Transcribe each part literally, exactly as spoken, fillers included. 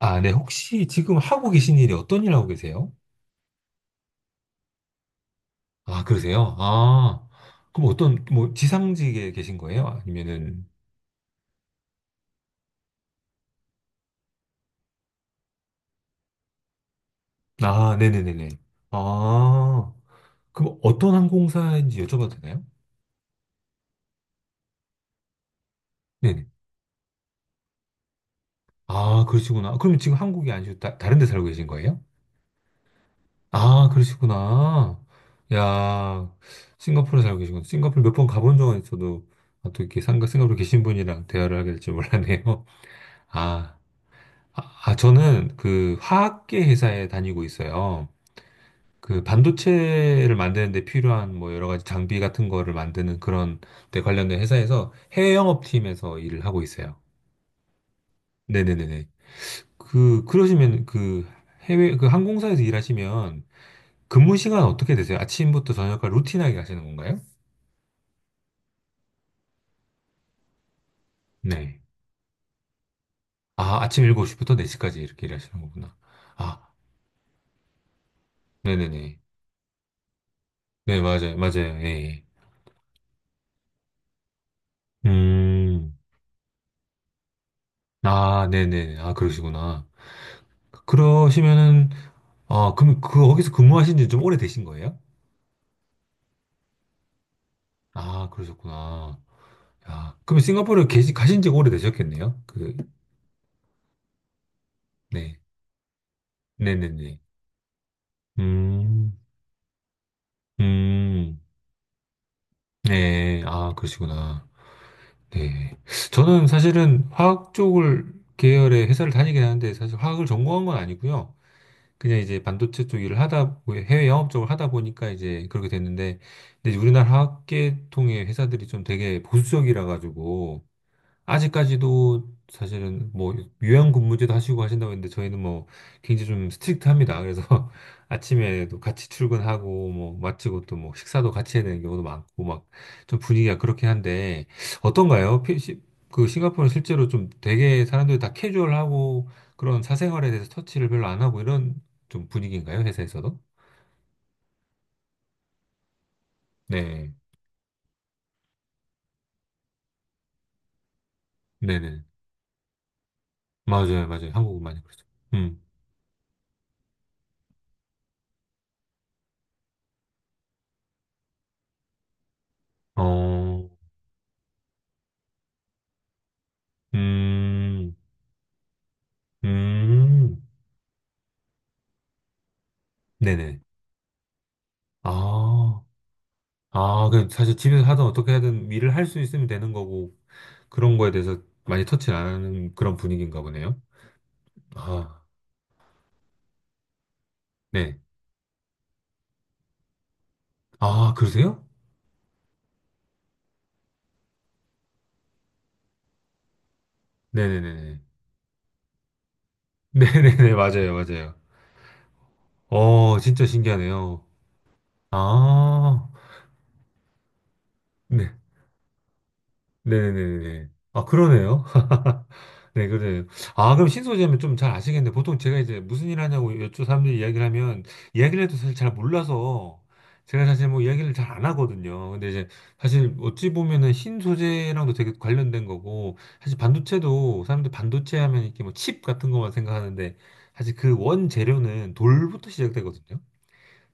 아, 네. 혹시 지금 하고 계신 일이 어떤 일 하고 계세요? 아, 그러세요? 아, 그럼 어떤, 뭐, 지상직에 계신 거예요? 아니면은, 아, 네네네네. 아, 그럼 어떤 항공사인지 여쭤봐도 되나요? 네네. 아, 그러시구나. 그럼 지금 한국이 아니시고 다, 다른 데 살고 계신 거예요? 아, 그러시구나. 야, 싱가포르에 살고 계시구나. 싱가포르 몇 번 가본 적은 있어도, 아, 또 이렇게 상가 싱가포르 계신 분이랑 대화를 하게 될 줄 몰랐네요. 아. 아, 저는 그 화학계 회사에 다니고 있어요. 그 반도체를 만드는데 필요한 뭐 여러 가지 장비 같은 거를 만드는 그런 데 관련된 회사에서 해외 영업팀에서 일을 하고 있어요. 네네네네. 그, 그러시면 그 해외, 그 항공사에서 일하시면 근무 시간 어떻게 되세요? 아침부터 저녁까지 루틴하게 하시는 건가요? 네. 아, 아침 일곱 시부터 네 시까지 이렇게 일하시는 거구나. 아, 네네네. 네, 맞아요. 맞아요. 예. 예. 음. 아, 네네. 아, 그러시구나. 그러시면은, 아, 그럼 그, 거기서 근무하신 지 좀 오래되신 거예요? 아, 그러셨구나. 야, 그럼 싱가포르에 계시, 가신 지가 오래되셨겠네요? 그, 네. 네네네. 음, 음, 네. 아, 그러시구나. 네. 저는 사실은 화학 쪽을 계열의 회사를 다니긴 하는데, 사실 화학을 전공한 건 아니고요. 그냥 이제 반도체 쪽 일을 하다, 해외 영업 쪽을 하다 보니까 이제 그렇게 됐는데, 근데 이제 우리나라 화학계통의 회사들이 좀 되게 보수적이라 가지고, 아직까지도 사실은 뭐 요양 근무제도 하시고 하신다고 했는데 저희는 뭐 굉장히 좀 스트릭트합니다. 그래서 아침에도 같이 출근하고 뭐 마치고 또 뭐 식사도 같이 해야 되는 경우도 많고 막 좀 분위기가 그렇긴 한데 어떤가요? 피- 시- 그 싱가포르는 실제로 좀 되게 사람들이 다 캐주얼하고 그런 사생활에 대해서 터치를 별로 안 하고 이런 좀 분위기인가요? 회사에서도? 네. 네네. 맞아요. 맞아요. 한국은 많이 그렇죠. 음. 어. 음. 음. 네네. 아, 아, 그 사실 집에서 하든 어떻게 하든 일을 할 수 있으면 되는 거고 그런 거에 대해서 많이 터치를 안 하는 그런 분위기인가 보네요. 아, 네. 아, 그러세요? 네네네네. 네네네, 맞아요, 맞아요. 어, 진짜 신기하네요. 아, 네. 네네네네. 아, 그러네요. 네, 그래요. 아, 그럼 신소재면 좀 잘 아시겠네. 보통 제가 이제 무슨 일 하냐고 여쭈 사람들이 이야기를 하면, 이야기를 해도 사실 잘 몰라서, 제가 사실 뭐 이야기를 잘 안 하거든요. 근데 이제 사실 어찌 보면은 신소재랑도 되게 관련된 거고, 사실 반도체도 사람들 반도체 하면 이렇게 뭐 칩 같은 것만 생각하는데, 사실 그 원재료는 돌부터 시작되거든요.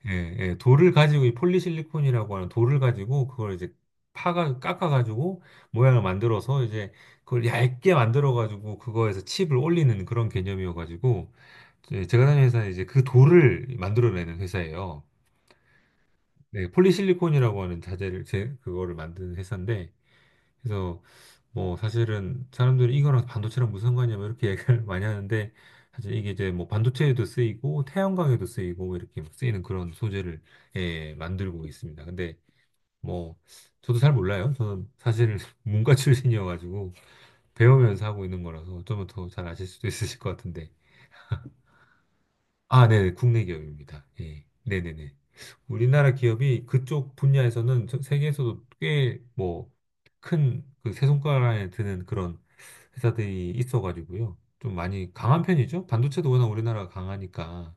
예, 예, 돌을 가지고 이 폴리실리콘이라고 하는 돌을 가지고 그걸 이제 파가 깎아가지고 모양을 만들어서 이제 그걸 얇게 만들어가지고 그거에서 칩을 올리는 그런 개념이어가지고 이제 제가 다니는 회사는 이제 그 돌을 만들어내는 회사예요. 네, 폴리실리콘이라고 하는 자재를 제 그거를 만드는 회사인데 그래서 뭐 사실은 사람들이 이거랑 반도체랑 무슨 상관이냐면 이렇게 얘기를 많이 하는데 사실 이게 이제 뭐 반도체에도 쓰이고 태양광에도 쓰이고 이렇게 막 쓰이는 그런 소재를 예, 만들고 있습니다. 근데 뭐 저도 잘 몰라요. 저는 사실 문과 출신이어가지고 배우면서 하고 있는 거라서 좀 더 잘 아실 수도 있으실 것 같은데 아, 네네. 국내 기업입니다. 예. 네네네. 우리나라 기업이 그쪽 분야에서는 전 세계에서도 꽤 뭐 큰 그 세 손가락에 드는 그런 회사들이 있어가지고요. 좀 많이 강한 편이죠. 반도체도 워낙 우리나라가 강하니까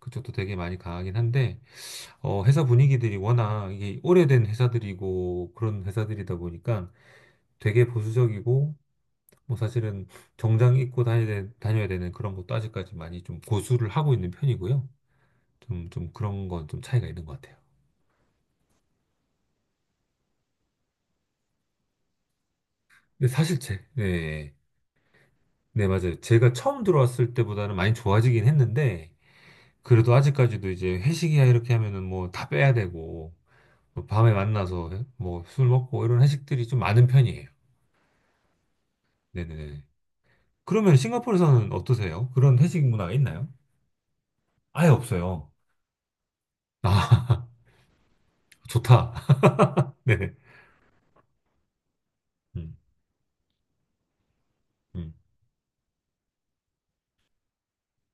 그쪽도 되게 많이 강하긴 한데 어, 회사 분위기들이 워낙 이게 오래된 회사들이고 그런 회사들이다 보니까 되게 보수적이고 뭐 사실은 정장 입고 다녀야, 되, 다녀야 되는 그런 것도 아직까지 많이 좀 고수를 하고 있는 편이고요. 좀, 좀 그런 건 좀 차이가 있는 것 같아요. 근데 사실 제, 네, 네, 맞아요. 제가 처음 들어왔을 때보다는 많이 좋아지긴 했는데, 그래도 아직까지도 이제 회식이야 이렇게 하면은 뭐 다 빼야 되고, 뭐 밤에 만나서 뭐 술 먹고 이런 회식들이 좀 많은 편이에요. 네네네. 그러면 싱가포르에서는 어떠세요? 그런 회식 문화가 있나요? 아예 없어요. 아, 좋다. 네. 음, 음.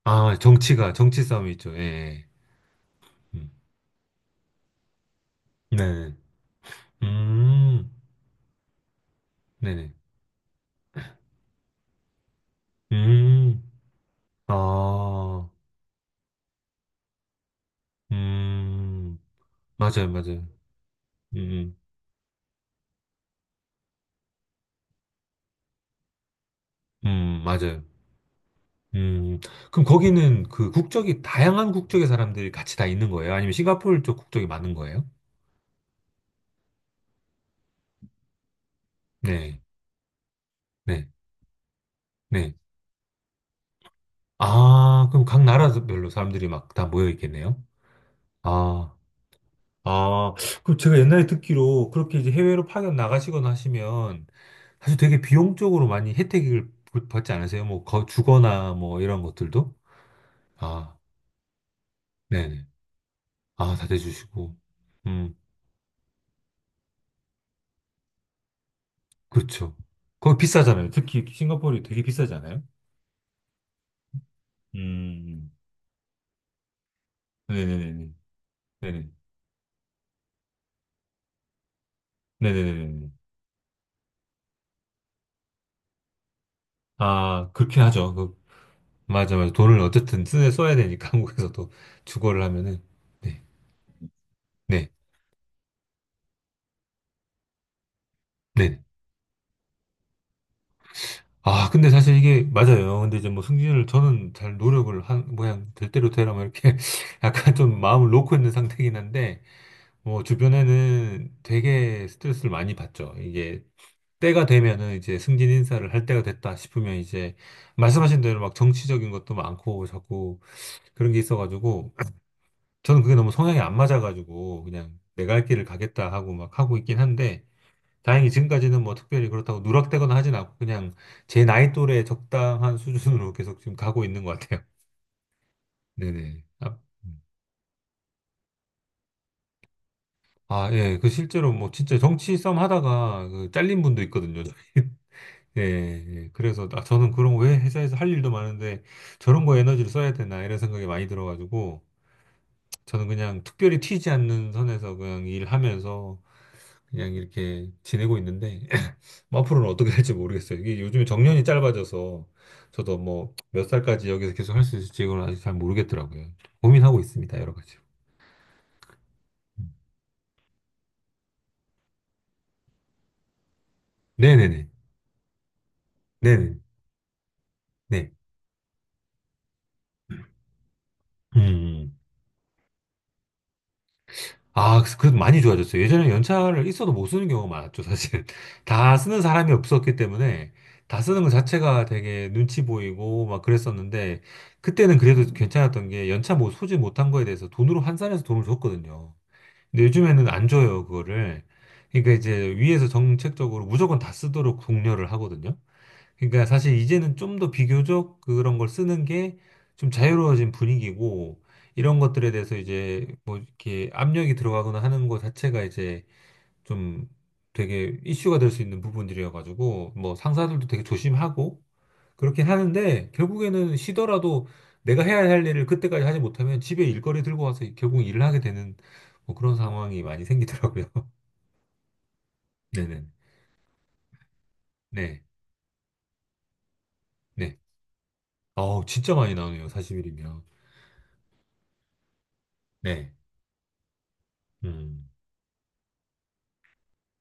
아, 정치가, 정치 싸움이 있죠. 예. 예. 음. 네. 음, 네네. 음. 아, 음, 맞아요, 맞아요. 음, 음, 음, 맞아요. 음, 그럼 거기는 그 국적이 다양한 국적의 사람들이 같이 다 있는 거예요? 아니면 싱가포르 쪽 국적이 많은 거예요? 네, 네, 네. 아, 그럼 각 나라별로 사람들이 막 다 모여 있겠네요? 아, 아, 그럼 제가 옛날에 듣기로 그렇게 이제 해외로 파견 나가시거나 하시면 사실 되게 비용적으로 많이 혜택을 받지 않으세요? 뭐, 거, 주거나 뭐 이런 것들도? 아, 네네. 아, 다 대주시고. 음, 그렇죠. 거기 비싸잖아요. 특히 싱가포르 되게 비싸잖아요. 음, 네네네네. 네네. 네네네네. 아, 그렇게 하죠. 그, 맞아, 맞아. 돈을 어쨌든 쓰, 써야 되니까 한국에서도 주거를 하면은. 네, 네, 네. 아, 근데 사실 이게 맞아요. 근데 이제 뭐 승진을 저는 잘 노력을 한, 모양, 될 대로 되라 뭐 이렇게 약간 좀 마음을 놓고 있는 상태긴 한데, 뭐 주변에는 되게 스트레스를 많이 받죠. 이게 때가 되면은 이제 승진 인사를 할 때가 됐다 싶으면 이제 말씀하신 대로 막 정치적인 것도 많고 자꾸 그런 게 있어가지고 저는 그게 너무 성향이 안 맞아가지고 그냥 내가 할 길을 가겠다 하고 막 하고 있긴 한데 다행히 지금까지는 뭐 특별히 그렇다고 누락되거나 하진 않고 그냥 제 나이 또래 적당한 수준으로 계속 지금 가고 있는 것 같아요. 네네. 아, 음. 아, 예. 그 실제로 뭐 진짜 정치 싸움 하다가 그 잘린 분도 있거든요. 예, 예. 그래서 나- 저는 그런 거 왜 회사에서 할 일도 많은데 저런 거 에너지를 써야 되나 이런 생각이 많이 들어가지고 저는 그냥 특별히 튀지 않는 선에서 그냥 일하면서 그냥 이렇게 지내고 있는데 뭐 앞으로는 어떻게 할지 모르겠어요. 이게 요즘에 정년이 짧아져서 저도 뭐 몇 살까지 여기서 계속 할 수 있을지 이건 아직 잘 모르겠더라고요. 고민하고 있습니다. 여러 가지. 음. 네네네. 네네. 네. 음. 아, 그- 래도 많이 좋아졌어요. 예전에 연차를 있어도 못 쓰는 경우가 많았죠, 사실. 다 쓰는 사람이 없었기 때문에 다 쓰는 것 자체가 되게 눈치 보이고 막 그랬었는데 그때는 그래도 괜찮았던 게 연차 뭐 소지 못한 거에 대해서 돈으로 환산해서 돈을 줬거든요. 근데 요즘에는 안 줘요, 그거를. 그러니까 이제 위에서 정책적으로 무조건 다 쓰도록 독려를 하거든요. 그러니까 사실 이제는 좀 더 비교적 그런 걸 쓰는 게 좀 자유로워진 분위기고 이런 것들에 대해서 이제 뭐 이렇게 압력이 들어가거나 하는 것 자체가 이제 좀 되게 이슈가 될 수 있는 부분들이어가지고 뭐 상사들도 되게 조심하고 그렇긴 하는데 결국에는 쉬더라도 내가 해야 할 일을 그때까지 하지 못하면 집에 일거리 들고 와서 결국 일을 하게 되는 뭐 그런 상황이 많이 생기더라고요. 네네. 네. 네. 아우 진짜 많이 나오네요. 사십 일이면. 네. 음.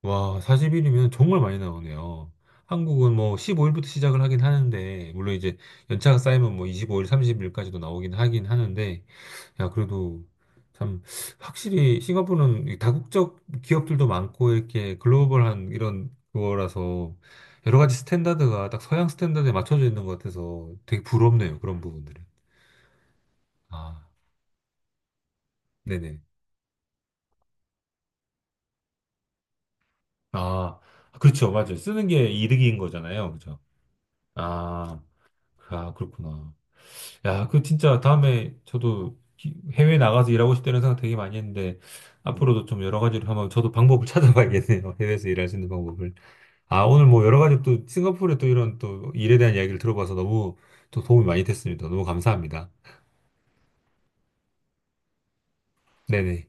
와, 사십 일이면 정말 많이 나오네요. 한국은 뭐 십오 일부터 시작을 하긴 하는데, 물론 이제 연차가 쌓이면 뭐 이십오 일, 삼십 일까지도 나오긴 하긴 하는데, 야, 그래도 참, 확실히 싱가포르는 이 다국적 기업들도 많고, 이렇게 글로벌한 이런 거라서, 여러 가지 스탠다드가 딱 서양 스탠다드에 맞춰져 있는 것 같아서 되게 부럽네요, 그런 부분들은. 아, 네네. 아, 그렇죠. 맞아요. 쓰는 게 이득인 거잖아요. 그죠? 아, 아, 그렇구나. 야, 그 진짜 다음에 저도 기- 해외 나가서 일하고 싶다는 생각 되게 많이 했는데 앞으로도 좀 여러 가지로 한번 저도 방법을 찾아봐야겠네요. 해외에서 일할 수 있는 방법을. 아, 오늘 뭐 여러 가지 또 싱가포르의 또 이런 또 일에 대한 이야기를 들어봐서 너무 또 도움이 많이 됐습니다. 너무 감사합니다. 네네.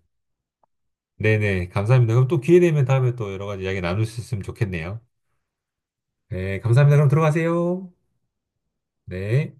네네. 감사합니다. 그럼 또 기회 되면 다음에 또 여러 가지 이야기 나눌 수 있으면 좋겠네요. 네, 감사합니다. 그럼 들어가세요. 네.